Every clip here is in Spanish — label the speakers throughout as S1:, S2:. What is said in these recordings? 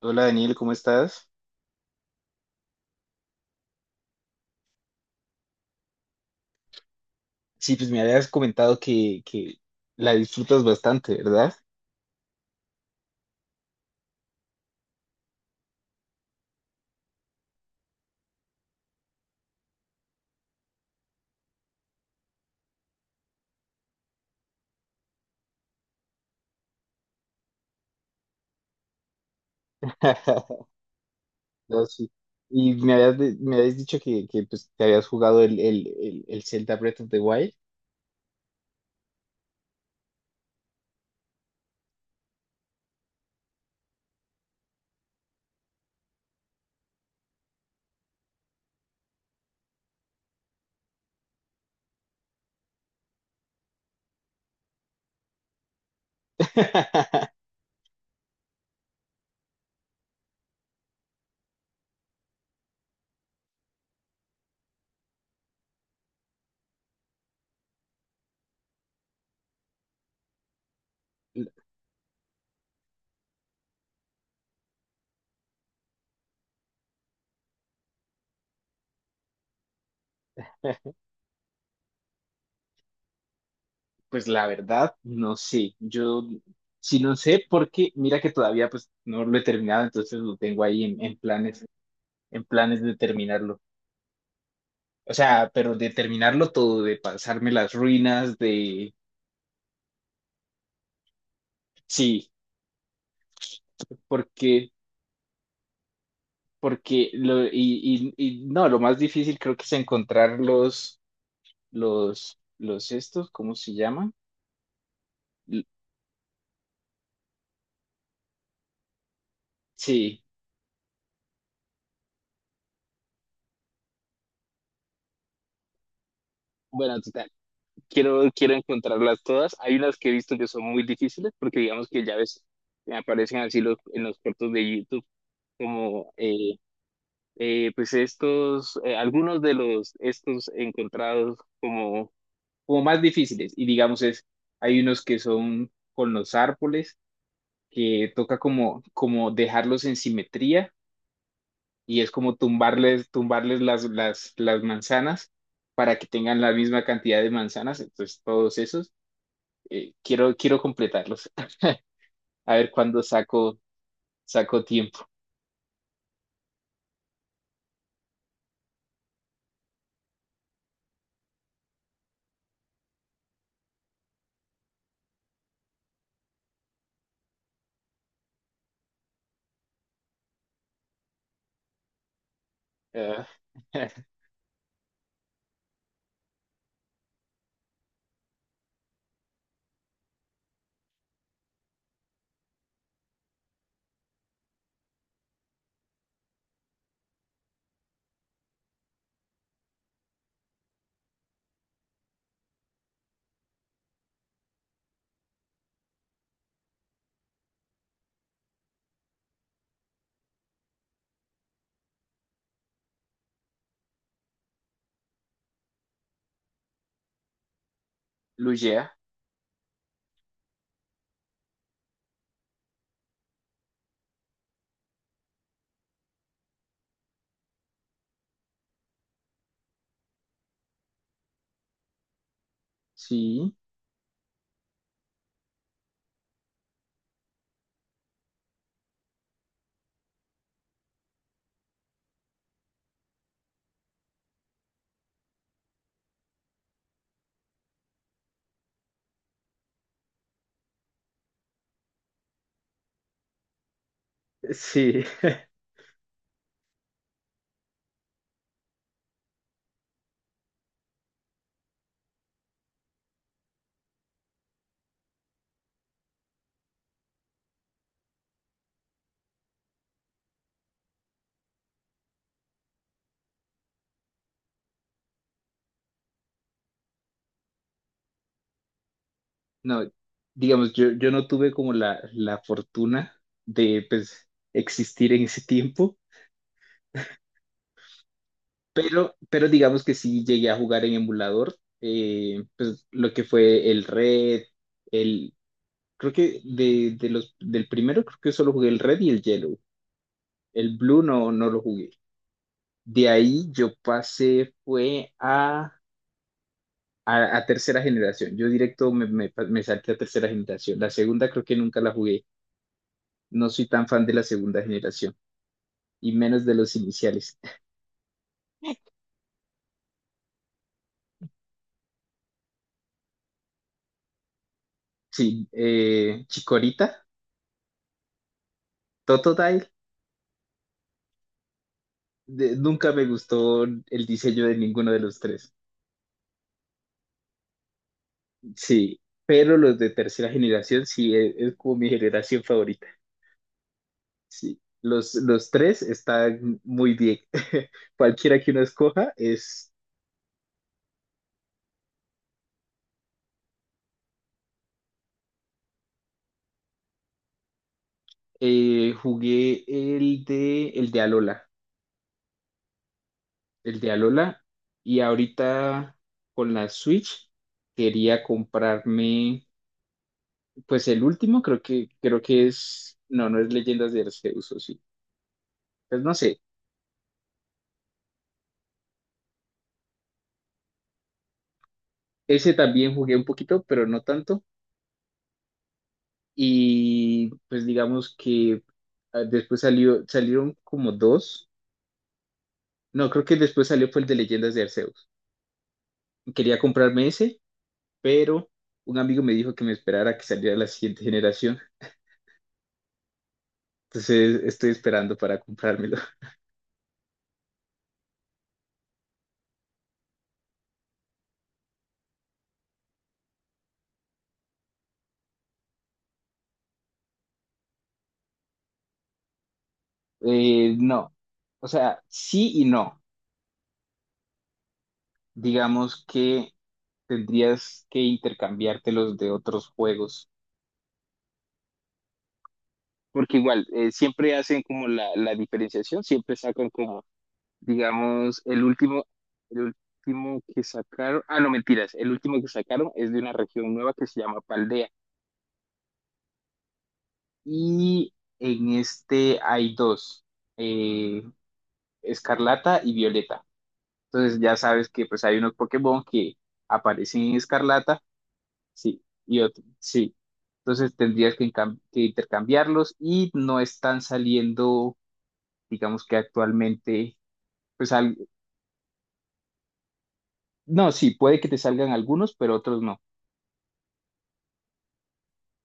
S1: Hola Daniel, ¿cómo estás? Sí, pues me habías comentado que la disfrutas bastante, ¿verdad? No, sí. Y me habías, me habías dicho que te habías jugado el Zelda Breath of the Wild. Pues la verdad, no sé. Yo sí no sé porque mira que todavía pues no lo he terminado, entonces lo tengo ahí en planes de terminarlo. O sea, pero de terminarlo todo, de pasarme las ruinas, de... Sí, porque... porque lo, y no, lo más difícil creo que es encontrar los estos, ¿cómo se llaman? L- Sí, bueno, total, quiero encontrarlas todas. Hay unas que he visto que son muy difíciles porque digamos que ya ves, me aparecen así los, en los cortos de YouTube como, pues estos, algunos de los, estos encontrados como, como más difíciles y digamos es, hay unos que son con los árboles que toca como, como dejarlos en simetría y es como tumbarles las manzanas para que tengan la misma cantidad de manzanas. Entonces, todos esos, quiero completarlos. A ver cuándo saco tiempo. Ah, Lugea, sí, sí. No, digamos, yo no tuve como la fortuna de pues, existir en ese tiempo. Pero digamos que sí llegué a jugar en emulador, pues lo que fue el Red, el, creo que de los, del primero creo que solo jugué el Red y el Yellow, el Blue no, no lo jugué. De ahí yo pasé, fue a, a tercera generación, yo directo me salté a tercera generación, la segunda creo que nunca la jugué, no soy tan fan de la segunda generación, y menos de los iniciales. Sí, Chikorita, Totodile, nunca me gustó el diseño de ninguno de los tres. Sí, pero los de tercera generación sí es, como mi generación favorita. Sí, los tres están muy bien. Cualquiera que uno escoja es. Eh, jugué el de Alola y ahorita con la Switch quería comprarme pues el último creo que es no no es Leyendas de Arceus o sí. Pues no sé, ese también jugué un poquito, pero no tanto. Y pues digamos que ah, después salió, salieron como dos. No, creo que después salió fue el de Leyendas de Arceus. Quería comprarme ese, pero un amigo me dijo que me esperara que saliera la siguiente generación. Entonces estoy esperando para comprármelo. No. O sea, sí y no. Digamos que tendrías que intercambiártelos de otros juegos. Porque igual, siempre hacen como la diferenciación, siempre sacan como digamos, el último que sacaron, ah, no, mentiras, el último que sacaron es de una región nueva que se llama Paldea. Y en este hay dos, eh, Escarlata y Violeta. Entonces ya sabes que pues hay unos Pokémon que aparecen en Escarlata, sí, y otro, sí. Entonces tendrías que, que intercambiarlos y no están saliendo, digamos que actualmente, pues al- no, sí, puede que te salgan algunos, pero otros no.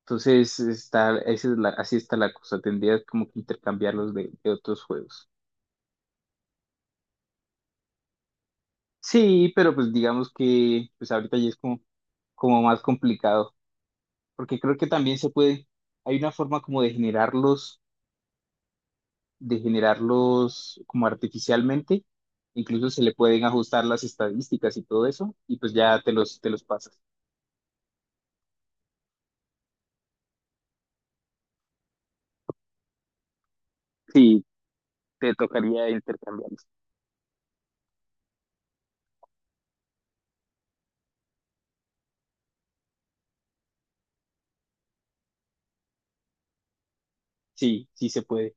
S1: Entonces, está, esa es así está la cosa. Tendrías como que intercambiarlos de otros juegos. Sí, pero pues digamos que pues ahorita ya es como, como más complicado, porque creo que también se puede, hay una forma como de generarlos como artificialmente, incluso se le pueden ajustar las estadísticas y todo eso, y pues ya te te los pasas. Sí, te tocaría intercambiarlos. Sí, sí se puede.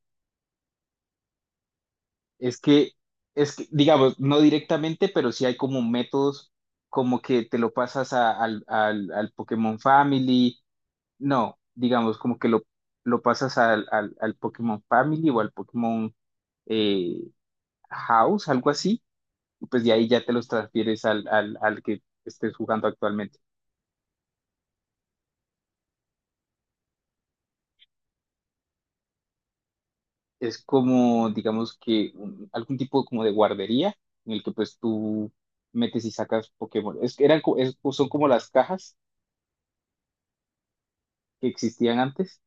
S1: Es que, digamos, no directamente, pero sí hay como métodos como que te lo pasas al Pokémon Family. No, digamos, como que lo pasas al Pokémon Family o al Pokémon eh, House, algo así. Y pues de ahí ya te los transfieres al que estés jugando actualmente. Es como, digamos que algún tipo como de guardería en el que pues tú metes y sacas Pokémon. Es, que eran, son como las cajas que existían antes.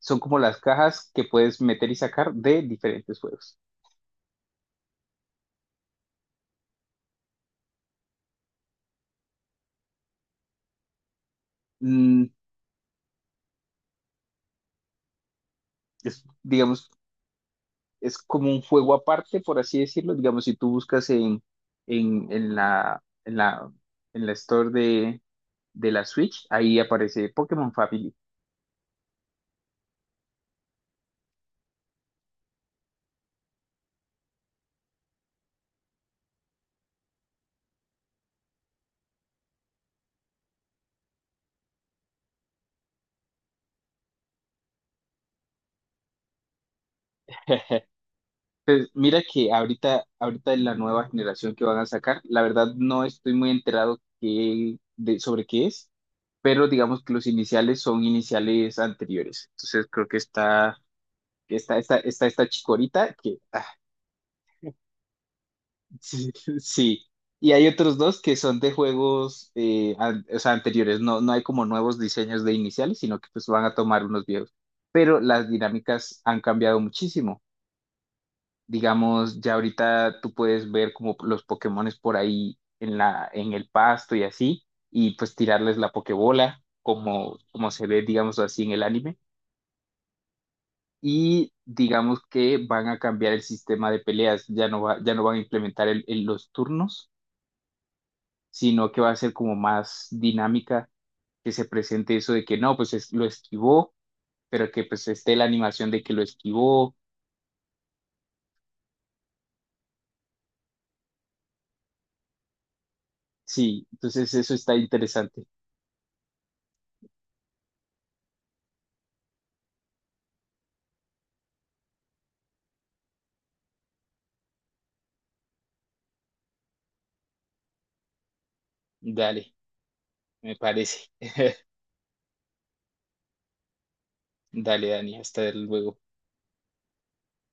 S1: Son como las cajas que puedes meter y sacar de diferentes juegos. Mm, es, digamos, es como un juego aparte, por así decirlo. Digamos, si tú buscas en, en la, en la, en la store de la Switch, ahí aparece Pokémon Family. Pues mira que ahorita, ahorita en la nueva generación que van a sacar, la verdad no estoy muy enterado sobre qué es, pero digamos que los iniciales son iniciales anteriores. Entonces creo que está está esta, está esta chicorita que, ah, sí, sí. Y hay otros dos que son de juegos, o sea, anteriores. No, no hay como nuevos diseños de iniciales, sino que pues van a tomar unos viejos. Pero las dinámicas han cambiado muchísimo. Digamos, ya ahorita tú puedes ver como los Pokémones por ahí en en el pasto y así, y pues tirarles la Pokébola, como, como se ve, digamos así, en el anime y digamos que van a cambiar el sistema de peleas, ya no van a implementar los turnos, sino que va a ser como más dinámica que se presente eso de que no, pues lo esquivó, pero que pues esté la animación de que lo esquivó. Sí, entonces eso está interesante. Dale, me parece. Dale, Dani, hasta luego.